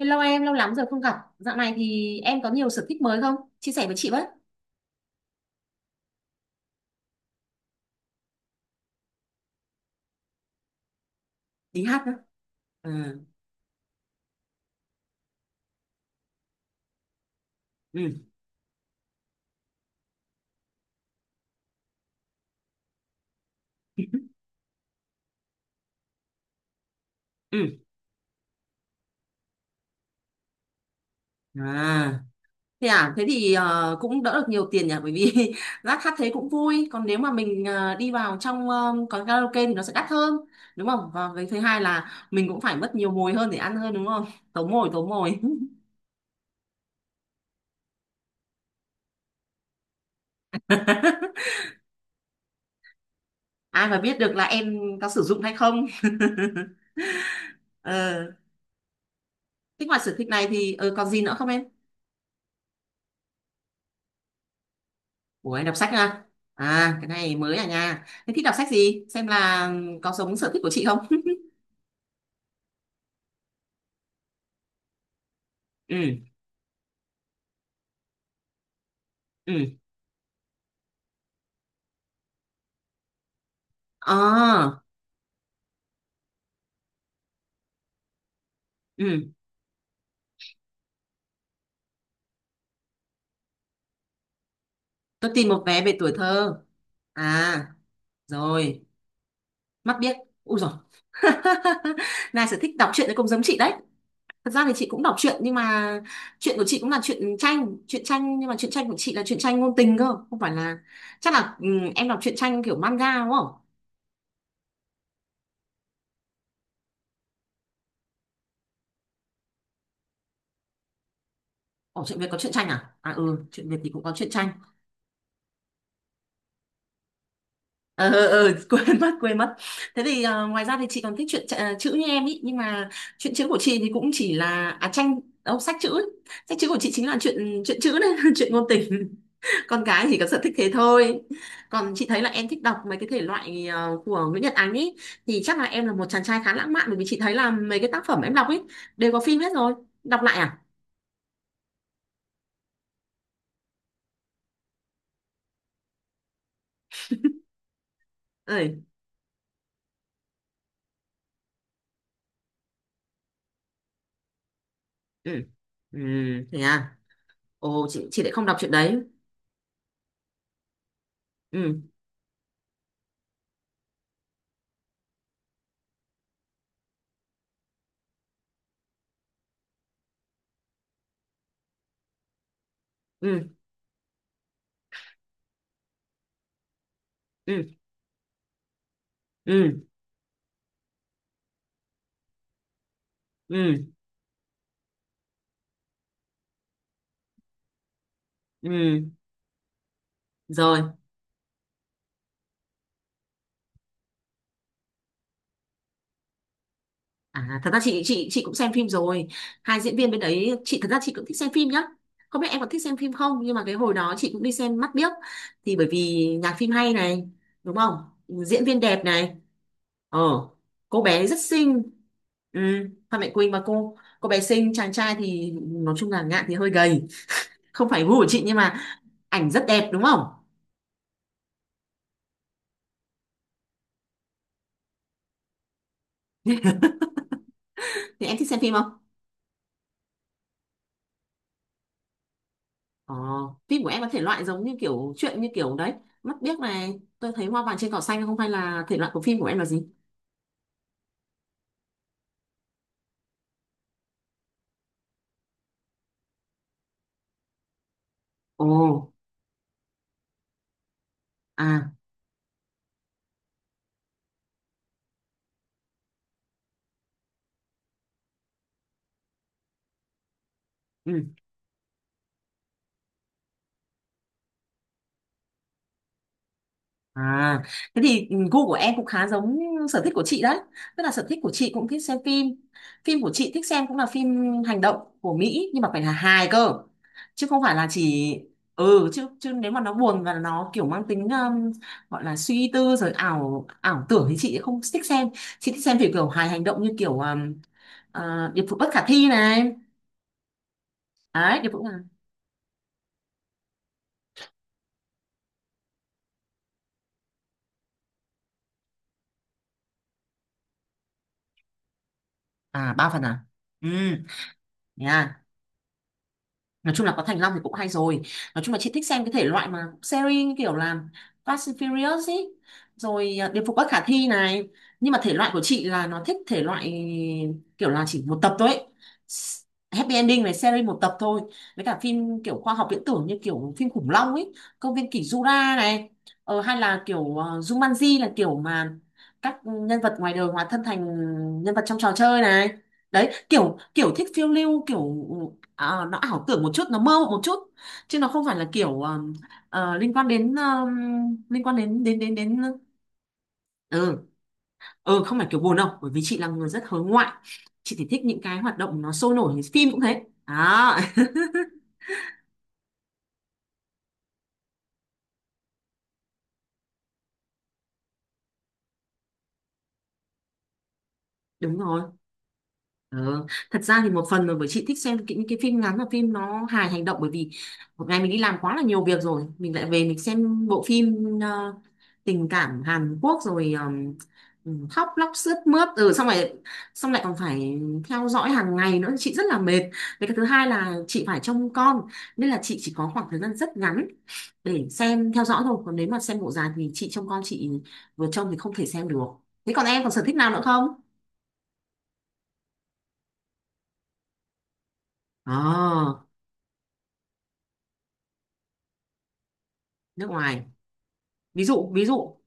Hello em, lâu lắm rồi không gặp. Dạo này thì em có nhiều sở thích mới không? Chia sẻ với chị với. Đi hát nữa. Ừ. Ừ. Ừ. À. Thế à, thế thì cũng đỡ được nhiều tiền nhỉ bởi vì rác hát thế cũng vui. Còn nếu mà mình đi vào trong quán karaoke thì nó sẽ đắt hơn. Đúng không? Và cái thứ hai là mình cũng phải mất nhiều mồi hơn để ăn hơn đúng không? Tốn mồi, tốn mồi. Ai mà biết được là em có sử dụng hay không? Ờ. Thế ngoài sở thích này thì còn gì nữa không em? Ủa anh đọc sách à? À cái này mới à nha. Thế thích đọc sách gì? Xem là có giống sở thích của chị không? Ừ, ừ. À, ừ. Tôi tìm một vé về tuổi thơ. À, rồi. Mắt biết. Ui rồi. Này sở thích đọc truyện thì cũng giống chị đấy. Thật ra thì chị cũng đọc truyện nhưng mà truyện của chị cũng là truyện tranh nhưng mà truyện tranh của chị là truyện tranh ngôn tình cơ, không phải là chắc là em đọc truyện tranh kiểu manga đúng không? Ồ, truyện Việt có truyện tranh à? À ừ, truyện Việt thì cũng có truyện tranh. Ờ, quên mất, thế thì ngoài ra thì chị còn thích chuyện chạ- chữ như em ý nhưng mà chuyện chữ của chị thì cũng chỉ là à tranh đâu sách chữ ấy. Sách chữ của chị chính là chuyện chuyện chữ đấy, chuyện ngôn tình. Con cái chỉ có sở thích thế thôi. Còn chị thấy là em thích đọc mấy cái thể loại của Nguyễn Nhật Ánh ý, thì chắc là em là một chàng trai khá lãng mạn, bởi vì chị thấy là mấy cái tác phẩm em đọc ấy đều có phim hết rồi. Đọc lại à? Ơi. Ừ. Ừ. Thế à. Ồ, chị lại không đọc chuyện đấy. Ừ. Ừ. Ừ. Ừ. Ừ. Ừ. Rồi. À, thật ra chị cũng xem phim rồi, hai diễn viên bên đấy. Chị thật ra chị cũng thích xem phim nhá, không biết em có thích xem phim không. Nhưng mà cái hồi đó chị cũng đi xem mắt biếc, thì bởi vì nhạc phim hay này, đúng không, diễn viên đẹp này. Ờ, cô bé rất xinh. Ừ, Phan Mạnh Quỳnh. Mà cô bé xinh, chàng trai thì nói chung là Ngạn thì hơi gầy, không phải gu của chị, nhưng mà ảnh rất đẹp đúng không. Thì em thích xem phim không? Ờ, phim của em có thể loại giống như kiểu chuyện như kiểu đấy mắt biếc này, tôi thấy hoa vàng trên cỏ xanh không, hay là thể loại của phim của em là gì? Ồ. À. Ừ. À, thế thì gu của em cũng khá giống sở thích của chị đấy. Tức là sở thích của chị cũng thích xem phim. Phim của chị thích xem cũng là phim hành động của Mỹ, nhưng mà phải là hài cơ. Chứ không phải là chỉ ừ, chứ chứ nếu mà nó buồn và nó kiểu mang tính gọi là suy tư rồi ảo ảo tưởng thì chị không thích xem. Chị thích xem kiểu kiểu hài hành động như kiểu à, điệp vụ bất khả thi này. Đấy, điệp vụ à, à ba phần à. Ừ, nha. Nói chung là có Thành Long thì cũng hay rồi. Nói chung là chị thích xem cái thể loại mà series như kiểu là Fast and Furious ý, rồi Điệp phục bất khả thi này. Nhưng mà thể loại của chị là nó thích thể loại kiểu là chỉ một tập thôi ấy. S- Happy ending này, series một tập thôi, với cả phim kiểu khoa học viễn tưởng như kiểu phim khủng long ấy, công viên kỷ Jura này. Hay là kiểu Jumanji là kiểu mà các nhân vật ngoài đời hóa thân thành nhân vật trong trò chơi này. Đấy, kiểu kiểu thích phiêu lưu kiểu nó ảo tưởng một chút, nó mơ một chút, chứ nó không phải là kiểu ờ, ờ, liên quan đến ờ, liên quan đến đến đến đến ờ, ừ. Ừ, không phải kiểu buồn đâu, bởi vì chị là người rất hướng ngoại, chị thì thích những cái hoạt động nó sôi nổi, phim cũng thế à. Đúng rồi. Ờ, thật ra thì một phần là bởi chị thích xem những cái phim ngắn và phim nó hài hành động, bởi vì một ngày mình đi làm quá là nhiều việc rồi, mình lại về mình xem bộ phim tình cảm Hàn Quốc rồi khóc lóc sướt mướt, ừ, xong rồi xong lại còn phải theo dõi hàng ngày nữa, chị rất là mệt. Với cái thứ hai là chị phải trông con, nên là chị chỉ có khoảng thời gian rất ngắn để xem theo dõi thôi. Còn nếu mà xem bộ dài thì chị trông con, chị vừa trông thì không thể xem được. Thế còn em còn sở thích nào nữa không? Ờ, nước ngoài. Ví dụ ví dụ.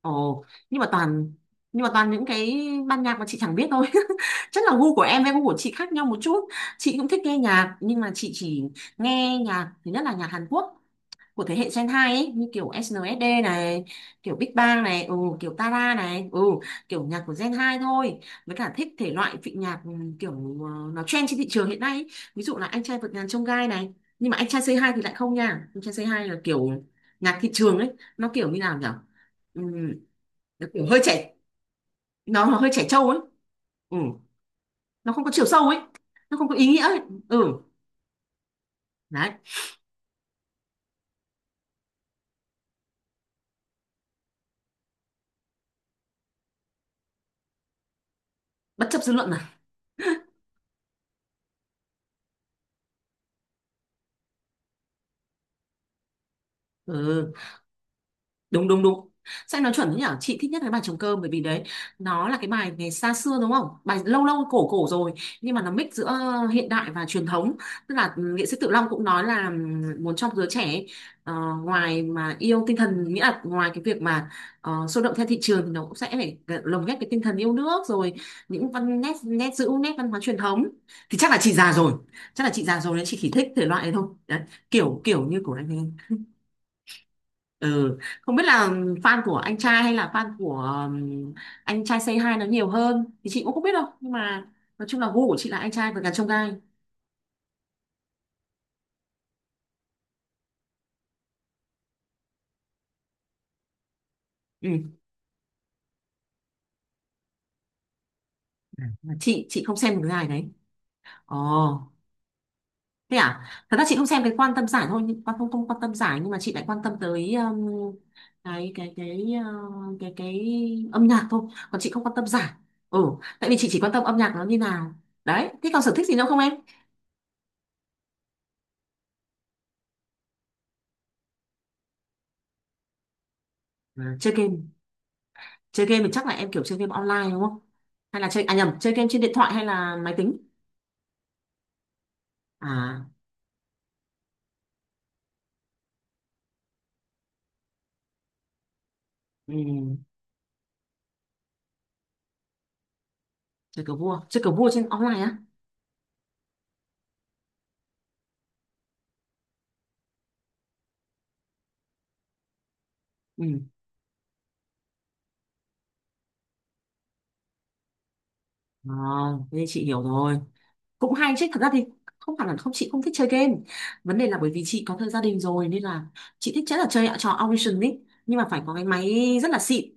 Ồ, nhưng mà toàn, nhưng mà toàn những cái ban nhạc mà chị chẳng biết thôi. Chắc là gu của em với gu của chị khác nhau một chút. Chị cũng thích nghe nhạc, nhưng mà chị chỉ nghe nhạc, thứ nhất là nhạc Hàn Quốc của thế hệ Gen 2 ấy, như kiểu SNSD này, kiểu Big Bang này, ừ, kiểu Tara này, ừ, kiểu nhạc của Gen 2 thôi. Với cả thích thể loại vị nhạc, ừ, kiểu nó trend trên thị trường hiện nay ấy. Ví dụ là anh trai vượt ngàn chông gai này, nhưng mà anh trai C2 thì lại không nha. Anh trai C2 là kiểu nhạc thị trường ấy, nó kiểu như nào nhỉ, ừ, nó kiểu hơi trẻ, nó hơi trẻ trâu ấy, ừ, nó không có chiều sâu ấy, nó không có ý nghĩa ấy. Ừ, đấy, bất chấp dư luận này. Ừ, đúng đúng đúng, sách nó chuẩn thế nhở. Chị thích nhất cái bài trống cơm, bởi vì đấy, nó là cái bài ngày xa xưa đúng không, bài lâu lâu cổ cổ rồi, nhưng mà nó mix giữa hiện đại và truyền thống. Tức là nghệ sĩ Tự Long cũng nói là muốn trong giới trẻ ấy, ờ, ngoài mà yêu tinh thần, nghĩa là ngoài cái việc mà sôi động theo thị trường thì nó cũng sẽ phải lồng ghép cái tinh thần yêu nước, rồi những văn nét nét giữ nét văn hóa truyền thống. Thì chắc là chị già rồi, chắc là chị già rồi nên chị chỉ thích thể loại này thôi. Đấy, kiểu kiểu như của anh ấy. Ừ. Không biết là fan của anh trai hay là fan của um, anh trai Say Hi nó nhiều hơn thì chị cũng không biết đâu, nhưng mà nói chung là gu của chị là anh trai và gà chông gai. Ừ. Mà chị không xem cái giải đấy. Ồ, thế à. Thật ra chị không xem cái quan tâm giải thôi nhưng- quan không, không quan tâm giải, nhưng mà chị lại quan tâm tới cái cái cái cái âm nhạc thôi, còn chị không quan tâm giải. Ừ, tại vì chị chỉ quan tâm âm nhạc nó như nào. Đấy, thế còn sở thích gì nữa không em? À, chơi game. Chơi game thì chắc là em kiểu chơi game online đúng không? Hay là chơi à nhầm, chơi game trên điện thoại hay là máy tính? À, ừ, chơi cờ vua trên online á? Ừ. À, thế thì chị hiểu rồi. Cũng hay chứ, thật ra thì không phải là không, chị không thích chơi game. Vấn đề là bởi vì chị có thời gia đình rồi, nên là chị thích chắc là chơi trò Audition ấy, nhưng mà phải có cái máy rất là xịn.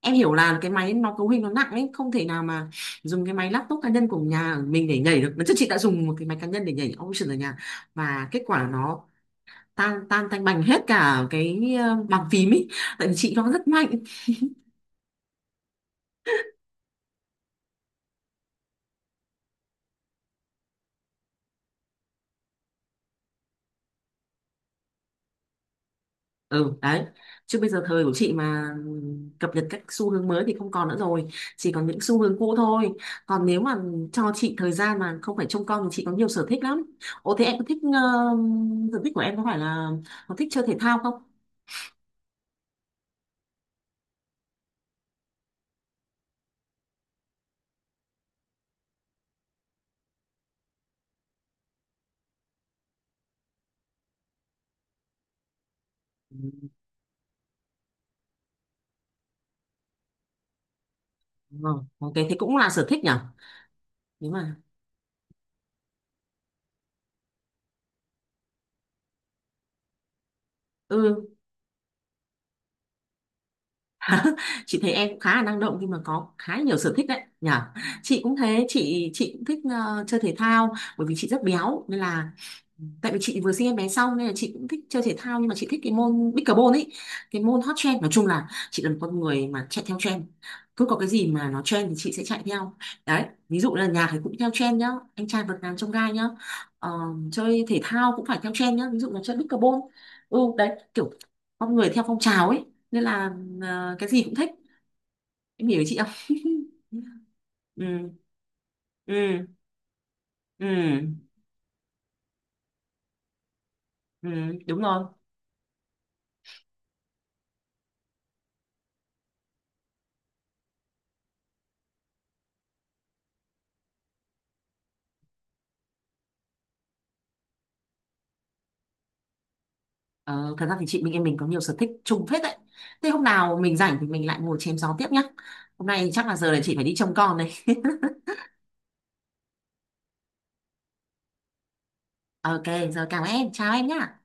Em hiểu là cái máy nó cấu hình nó nặng ấy, không thể nào mà dùng cái máy laptop cá nhân của nhà mình để nhảy được. Lần trước chị đã dùng một cái máy cá nhân để nhảy Audition ở nhà và kết quả nó tan tan tanh bành hết cả cái bàn phím ý, tại vì chị nó rất mạnh. Ừ đấy, chứ bây giờ thời của chị mà cập nhật các xu hướng mới thì không còn nữa rồi, chỉ còn những xu hướng cũ thôi. Còn nếu mà cho chị thời gian mà không phải trông con thì chị có nhiều sở thích lắm. Ồ, thế em có thích sở thích của em có phải là có thích chơi thể thao không? Ừ, ờ, ok, thế cũng là sở thích nhỉ. Nếu mà ừ, chị thấy em cũng khá là năng động nhưng mà có khá nhiều sở thích đấy nhỉ. Chị cũng thế, chị cũng thích chơi thể thao, bởi vì chị rất béo nên là tại vì chị vừa sinh em bé xong, nên là chị cũng thích chơi thể thao, nhưng mà chị thích cái môn pickleball ấy, cái môn hot trend. Nói chung là chị là một con người mà chạy theo trend, cứ có cái gì mà nó trend thì chị sẽ chạy theo. Đấy, ví dụ là nhạc thì cũng theo trend nhá, anh trai vượt ngàn chông gai nhá. Ờ, chơi thể thao cũng phải theo trend nhá, ví dụ là chơi pickleball. Ừ đấy, kiểu con người theo phong trào ấy, nên là cái gì cũng thích. Em hiểu chị không? Ừ. Ừ. Ừ. Ừ. Đúng rồi. Ờ, thật ra thì chị mình em mình có nhiều sở thích chung phết đấy. Thế hôm nào mình rảnh thì mình lại ngồi chém gió tiếp nhá. Hôm nay chắc là giờ là chị phải đi trông con đây. Ok, giờ cảm ơn em, chào em nhá.